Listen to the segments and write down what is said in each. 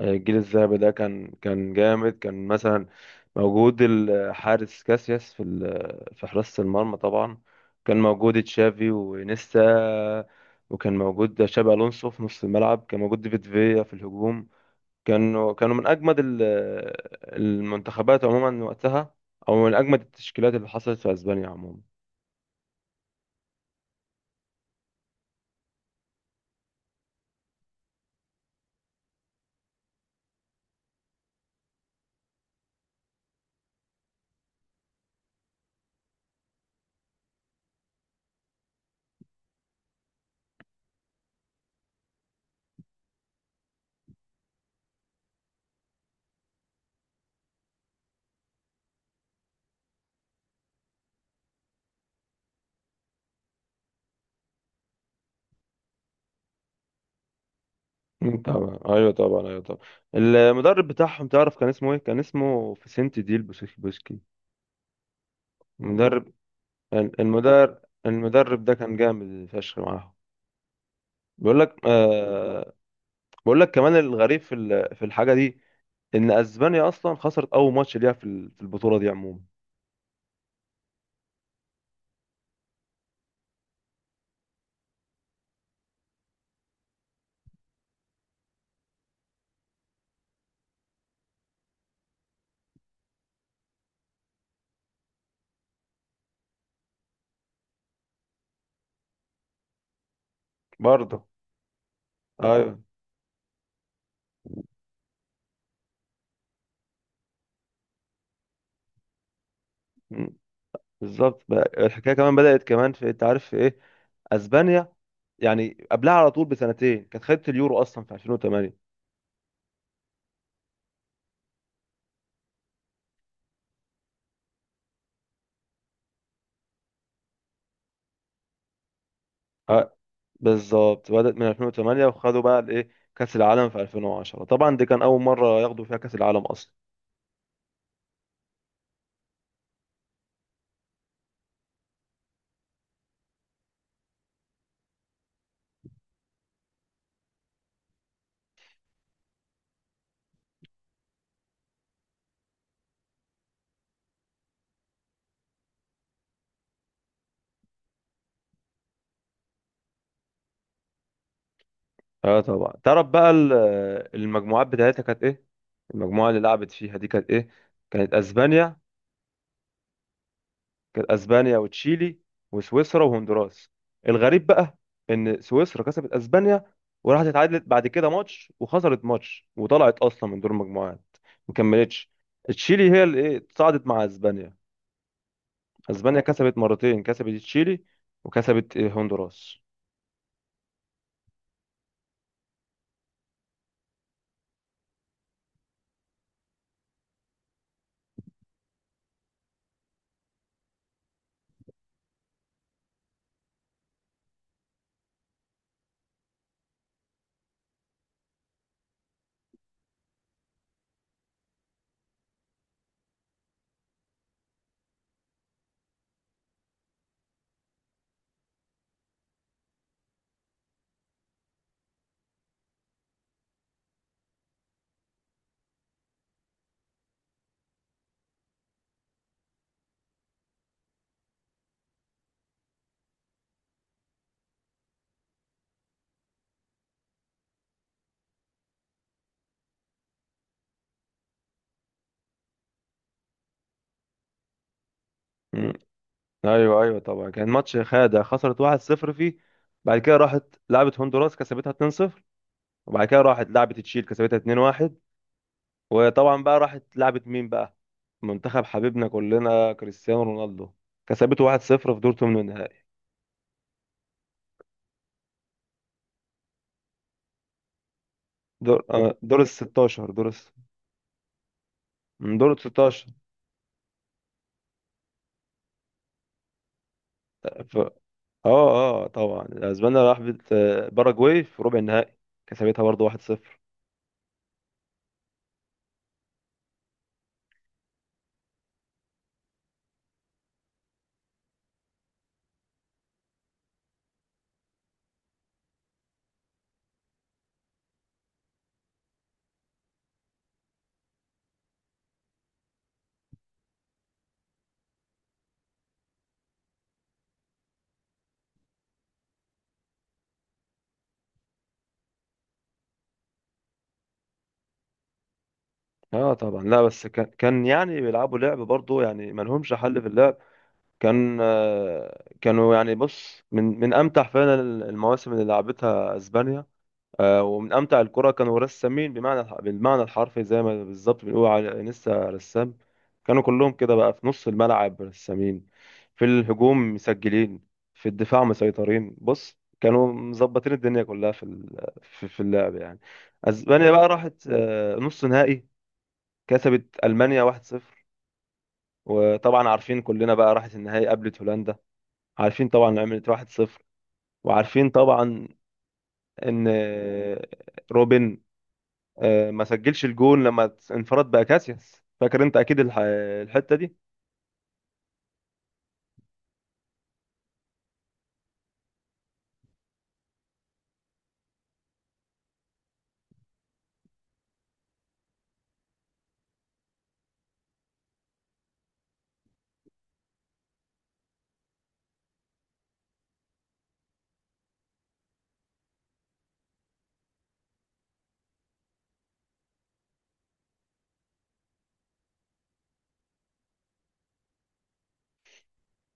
الجيل الذهبي ده كان جامد، كان مثلا موجود الحارس كاسياس في حراسة المرمى طبعا. كان موجود تشافي وانيستا، وكان موجود شابي الونسو في نص الملعب، كان موجود ديفيد فيا في الهجوم. كانوا من اجمد المنتخبات عموما وقتها، او من اجمد التشكيلات اللي حصلت في اسبانيا عموما. مم، طبعا، ايوه طبعا، ايوه طبعا. المدرب بتاعهم، تعرف كان اسمه ايه؟ كان اسمه فيسنتي ديل بوسكي. مدرب المدرب المدرب ده كان جامد فشخ معاهم. بيقول لك آه بيقول لك كمان الغريب في الحاجه دي، ان اسبانيا اصلا خسرت اول ماتش ليها في البطوله دي عموما. برضه. ايوه. م، بالظبط بقى، الحكايه كمان بدات كمان في، انت عارف في ايه، اسبانيا يعني قبلها على طول بسنتين كانت خدت اليورو اصلا في 2008. اه بالظبط، بدات من 2008، وخدوا بقى الايه، كاس العالم في 2010. طبعا دي كان اول مره ياخدوا فيها كاس العالم اصلا. اه طبعا، تعرف بقى المجموعات بتاعتها كانت ايه؟ المجموعه اللي لعبت فيها دي كانت ايه؟ كانت اسبانيا كانت اسبانيا وتشيلي وسويسرا وهندوراس. الغريب بقى ان سويسرا كسبت اسبانيا، وراحت اتعادلت بعد كده ماتش، وخسرت ماتش، وطلعت اصلا من دور المجموعات، مكملتش. تشيلي هي اللي ايه، تصعدت مع اسبانيا. اسبانيا كسبت مرتين، كسبت تشيلي، وكسبت إيه، هندوراس. ايوه ايوه، طبعا كان ماتش خادع، خسرت 1-0 فيه. بعد كده راحت لعبت هندوراس، كسبتها 2-0، وبعد كده راحت لعبت تشيل، كسبتها 2-1. وطبعا بقى راحت لعبت مين بقى؟ منتخب حبيبنا كلنا كريستيانو رونالدو، كسبته 1-0 في دور ثمن النهائي. دور ال 16، من دور ال 16. ف... اه اه طبعا، اسبانيا راحت باراجواي في ربع النهائي، كسبتها برضه 1-0. اه طبعا، لا بس كان يعني بيلعبوا لعب برضه، يعني ما لهمش حل في اللعب. كانوا يعني، بص، من امتع فعلا المواسم اللي لعبتها اسبانيا. ومن امتع الكرة، كانوا رسامين، بالمعنى الحرفي، زي ما بالظبط بنقول على انيستا رسام. كانوا كلهم كده بقى في نص الملعب رسامين، في الهجوم مسجلين، في الدفاع مسيطرين. بص كانوا مظبطين الدنيا كلها في اللعب يعني. اسبانيا بقى راحت نص نهائي، كسبت المانيا 1-0. وطبعا عارفين كلنا بقى راحت النهائي، قابلت هولندا. عارفين طبعا إن عملت 1-0. وعارفين طبعا ان روبن ما سجلش الجون لما انفرد بأكاسياس، فاكر انت اكيد الحتة دي.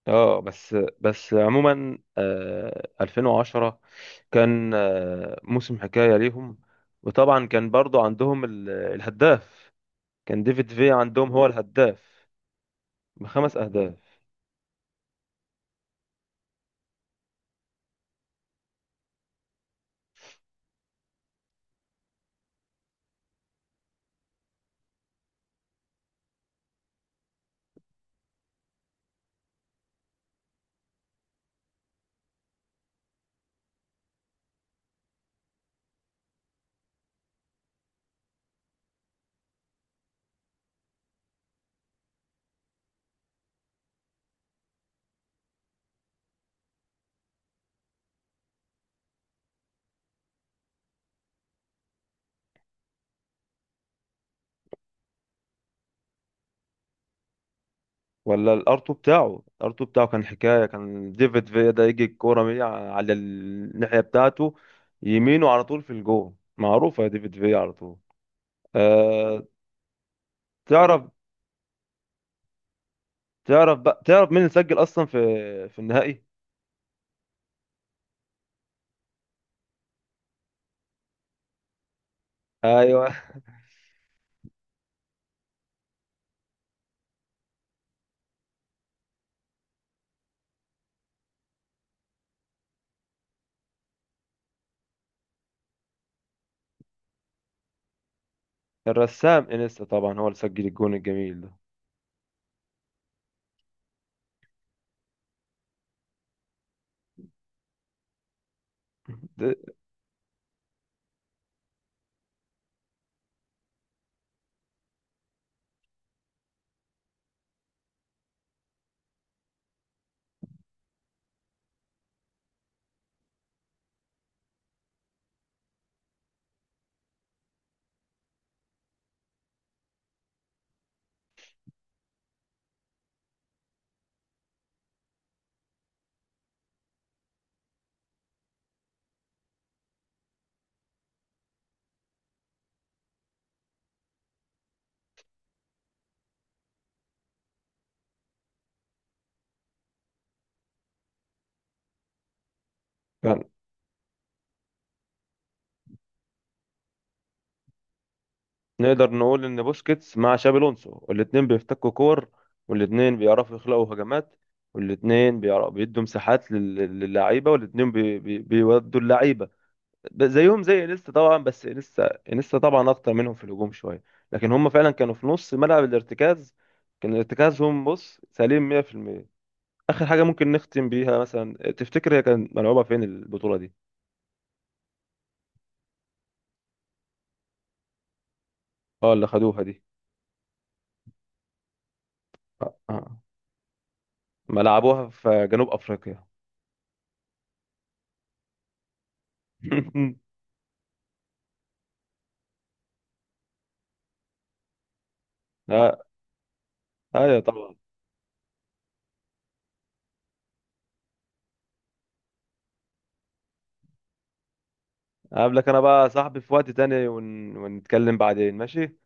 اه بس عموما، 2010 كان موسم حكاية ليهم. وطبعا كان برضو عندهم الهداف، كان ديفيد في عندهم هو الهداف بخمس اهداف. ولا الارتو بتاعه كان حكايه. كان ديفيد فيا ده يجي الكوره من على الناحيه بتاعته، يمينه، على طول في الجول، معروفه يا ديفيد فيا على طول. أه. تعرف تعرف بقى مين اللي سجل اصلا في النهائي؟ ايوه، الرسام انيستا طبعا هو اللي سجل الجون الجميل ده. ده كان نقدر نقول ان بوسكيتس مع شابي الونسو، الاتنين بيفتكوا كور، والاتنين بيعرفوا يخلقوا هجمات، والاتنين بيعرفوا بيدوا مساحات للعيبه، والاتنين بيودوا اللعيبه، زيهم زي انيستا طبعا. بس انيستا طبعا اخطر منهم في الهجوم شويه. لكن هم فعلا كانوا في نص ملعب الارتكاز، كان ارتكازهم، بص، سليم 100%. اخر حاجه ممكن نختم بيها، مثلا تفتكر هي كانت ملعوبه فين البطوله دي؟ اه، اللي خدوها دي. آه. آه. ملعبوها في جنوب افريقيا. آه. ايوه طبعا. هقابلك انا بقى يا صاحبي في وقت تاني، ونتكلم بعدين، ماشي.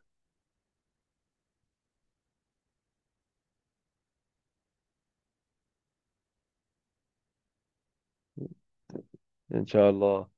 ان شاء الله.